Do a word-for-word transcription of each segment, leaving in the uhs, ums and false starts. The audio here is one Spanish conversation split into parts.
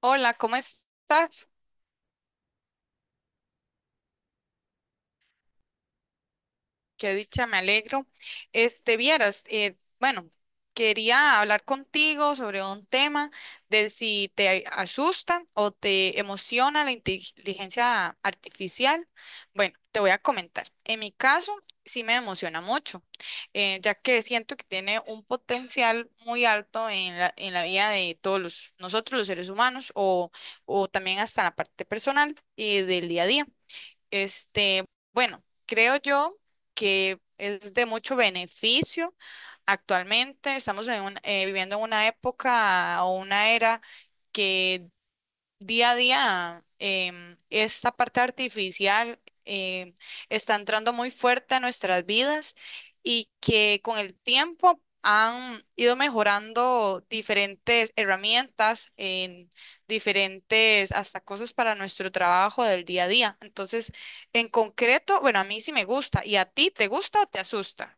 Hola, ¿cómo estás? Qué dicha, me alegro. Este, vieras, eh, bueno, quería hablar contigo sobre un tema de si te asusta o te emociona la inteligencia artificial. Bueno, te voy a comentar. En mi caso, sí me emociona mucho, eh, ya que siento que tiene un potencial muy alto en la, en la vida de todos los- nosotros, los seres humanos, o, o también hasta la parte personal y del día a día. Este, bueno, creo yo que es de mucho beneficio. Actualmente estamos en un- eh, viviendo en una época o una era que día a día em, esta parte artificial em, está entrando muy fuerte a nuestras vidas y que con el tiempo han ido mejorando diferentes herramientas, en diferentes hasta cosas para nuestro trabajo del día a día. Entonces, en concreto, bueno, a mí sí me gusta. ¿Y a ti te gusta o te asusta?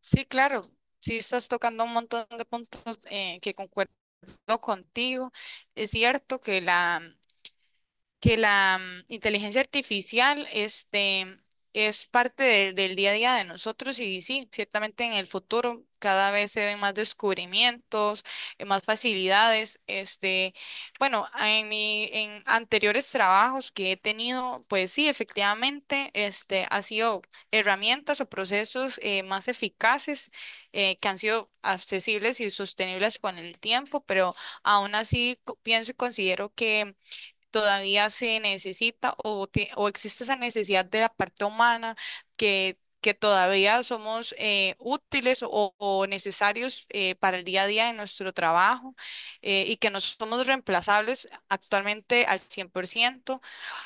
Sí, claro. Sí, estás tocando un montón de puntos eh, que concuerdo contigo. Es cierto que la que la mm, inteligencia artificial este, es parte de- del día a día de nosotros y sí, ciertamente en el futuro cada vez se ven más descubrimientos, eh, más facilidades. Este, bueno, en mi, en anteriores trabajos que he tenido, pues sí, efectivamente, este, ha sido herramientas o procesos eh, más eficaces eh, que han sido accesibles y sostenibles con el tiempo, pero aún así co- pienso y considero que todavía se necesita o, te- o existe esa necesidad de la parte humana que, que todavía somos eh, útiles o, o necesarios eh, para el día a día de nuestro trabajo, eh, y que no somos reemplazables actualmente al cien por ciento.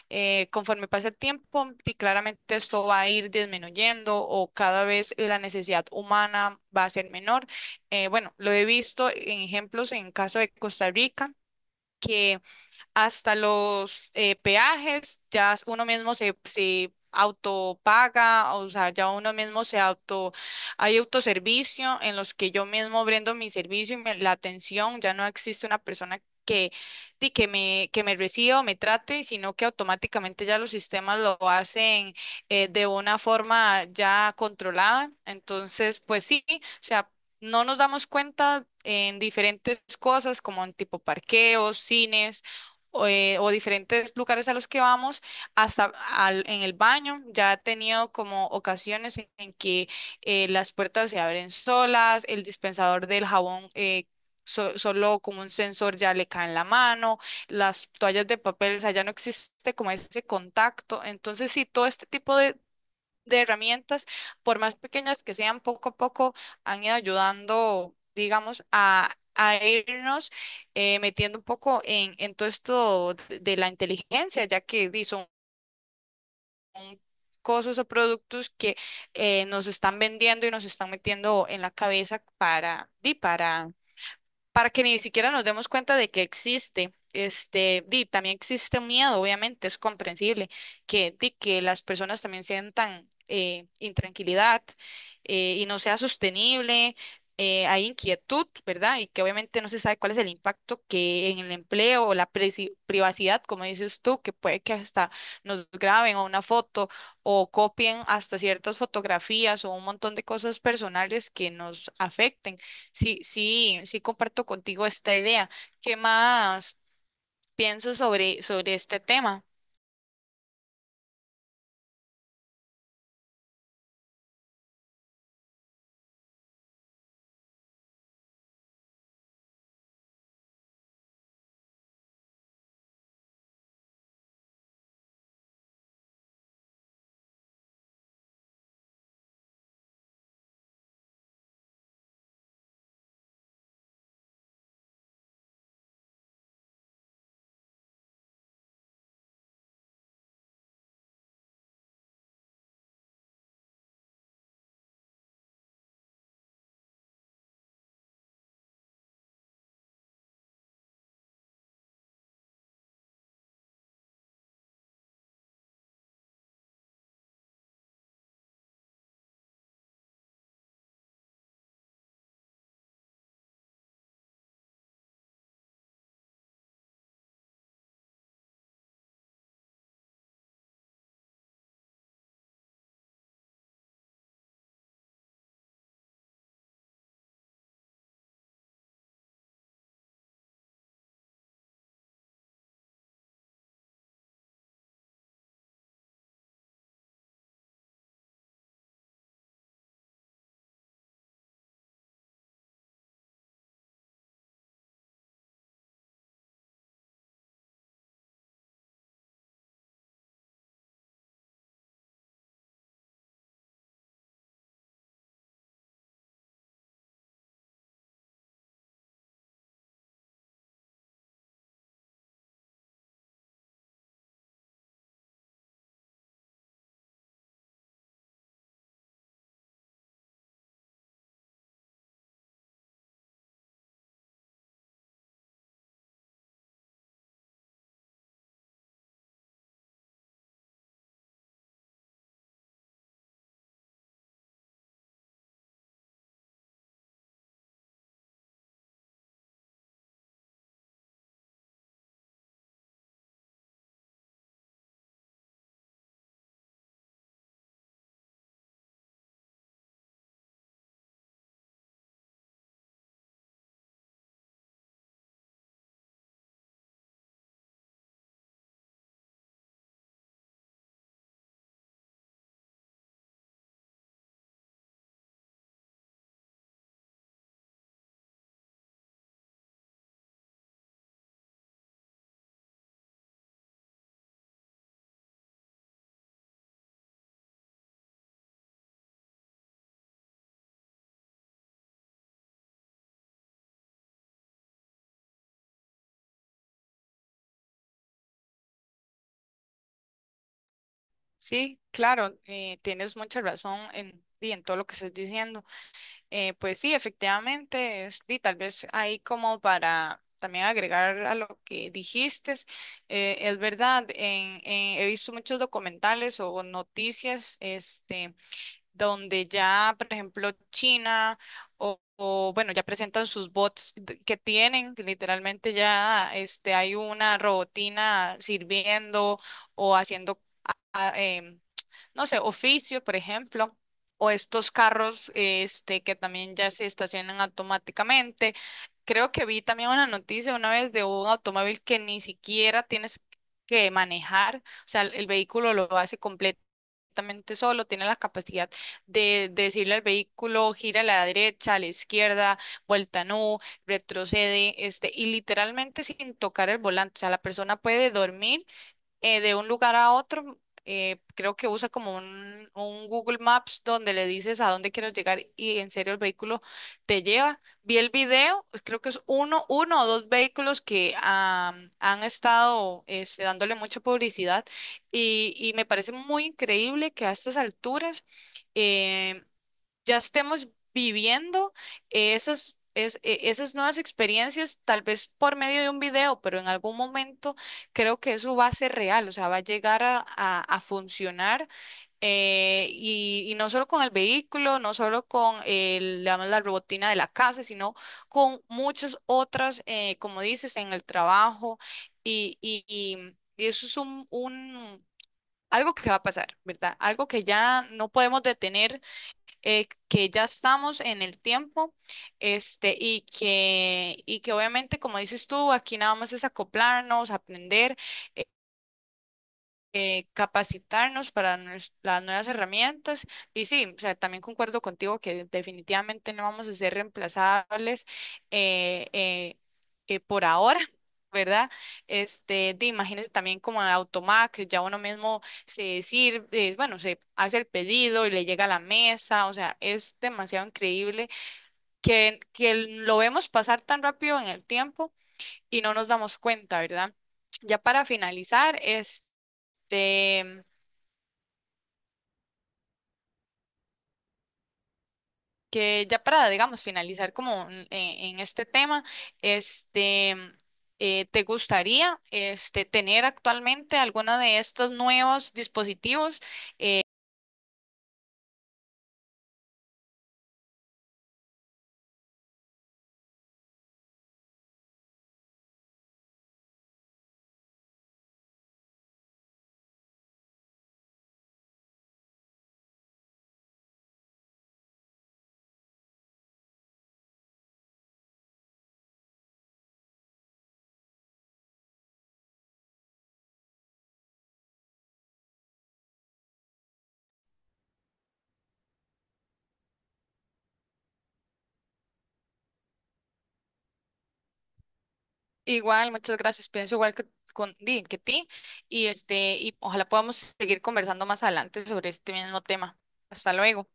Eh, conforme pasa el tiempo, y claramente esto va a ir disminuyendo o cada vez la necesidad humana va a ser menor. Eh, bueno, lo he visto en ejemplos en caso de Costa Rica, que hasta los eh, peajes, ya uno mismo se, se autopaga, o sea, ya uno mismo se auto, hay autoservicio en los que yo mismo brindo mi servicio y me- la atención, ya no existe una persona que, di- que me, que me reciba o me trate, sino que automáticamente ya los sistemas lo hacen eh, de una forma ya controlada. Entonces, pues sí, o sea, no nos damos cuenta en diferentes cosas como en tipo parqueos, cines o, eh, o diferentes lugares a los que vamos, hasta al- en el baño. Ya he tenido como ocasiones en, en que eh, las puertas se abren solas, el dispensador del jabón, eh, so- solo como un sensor ya le cae en la mano, las toallas de papel, o sea, ya no existe como ese contacto. Entonces, sí, todo este tipo de herramientas, por más pequeñas que sean, poco a poco han ido ayudando, digamos, a, a irnos eh, metiendo un poco en, en todo esto de, de la inteligencia, ya que di, son cosas o productos que eh, nos están vendiendo y nos están metiendo en la cabeza para, di, para para que ni siquiera nos demos cuenta de que existe. Este, di, también existe un miedo, obviamente, es comprensible que, di, que las personas también sientan eh, intranquilidad eh, y no sea sostenible, eh, hay inquietud, ¿verdad? Y que obviamente no se sabe cuál es el impacto que en el empleo o la presi- privacidad, como dices tú, que puede que hasta nos graben o una foto o copien hasta ciertas fotografías o un montón de cosas personales que nos afecten. Sí, sí, sí comparto contigo esta idea. ¿Qué más piensas sobre, sobre este tema? Sí, claro, eh, tienes mucha razón en, y en todo lo que estás diciendo. Eh, pues sí, efectivamente, es- y tal vez ahí como para también agregar a lo que dijiste, eh, es verdad. En- en- he visto muchos documentales o noticias, este donde ya, por ejemplo, China o, o, bueno, ya presentan sus bots de- que tienen, que literalmente ya este, hay una robotina sirviendo o haciendo, a- em, no sé, oficio, por ejemplo. O estos carros este, que también ya se estacionan automáticamente. Creo que vi también una noticia una vez de un automóvil que ni siquiera tienes que manejar, o sea, el el vehículo lo hace completamente perfectamente solo, tiene la capacidad de, de decirle al vehículo, gira a la derecha, a la izquierda, vuelta no, retrocede, este, y literalmente sin tocar el volante. O sea, la persona puede dormir, eh, de un lugar a otro, eh, creo que usa como un, un Google Maps donde le dices a dónde quieres llegar y en serio el vehículo te lleva. Vi el video, pues, creo que es uno, uno o dos vehículos que am, han estado este, dándole mucha publicidad, y, y me parece muy increíble que a estas alturas em, ya estemos viviendo eh, esas, es- eh, esas nuevas experiencias, tal vez por medio de un video, pero en algún momento creo que eso va a ser real, o sea, va a llegar a, a- a funcionar, eh, y, y no solo con el vehículo, no solo con el- digamos, la robotina de la casa, sino con muchas otras, eh, como dices, en el trabajo, y, y- y- y eso es un, un- algo que va a pasar, ¿verdad? Algo que ya no podemos detener, eh, que ya estamos en el tiempo, este, y que, y que obviamente, como dices tú, aquí nada más es acoplarnos, aprender, eh, capacitarnos para nues- las nuevas herramientas. Y sí, o sea, también concuerdo contigo que definitivamente no vamos a ser reemplazables, eh, eh, eh, por ahora. ¿Verdad? Este, de, imagínense también como a Automac, ya uno mismo se sirve, eh, bueno, se hace el pedido y le llega a la mesa, o sea, es demasiado increíble que, que lo vemos pasar tan rápido en el tiempo y no nos damos cuenta, ¿verdad? Ya para finalizar, este, que ya para, digamos, finalizar como en, e-, en este tema, este, eh, ¿te gustaría este, tener actualmente alguna de estos nuevos dispositivos? Igual, muchas gracias, pienso igual que, con, di- que ti, y, este, y ojalá podamos seguir conversando más adelante sobre este mismo tema. Hasta luego.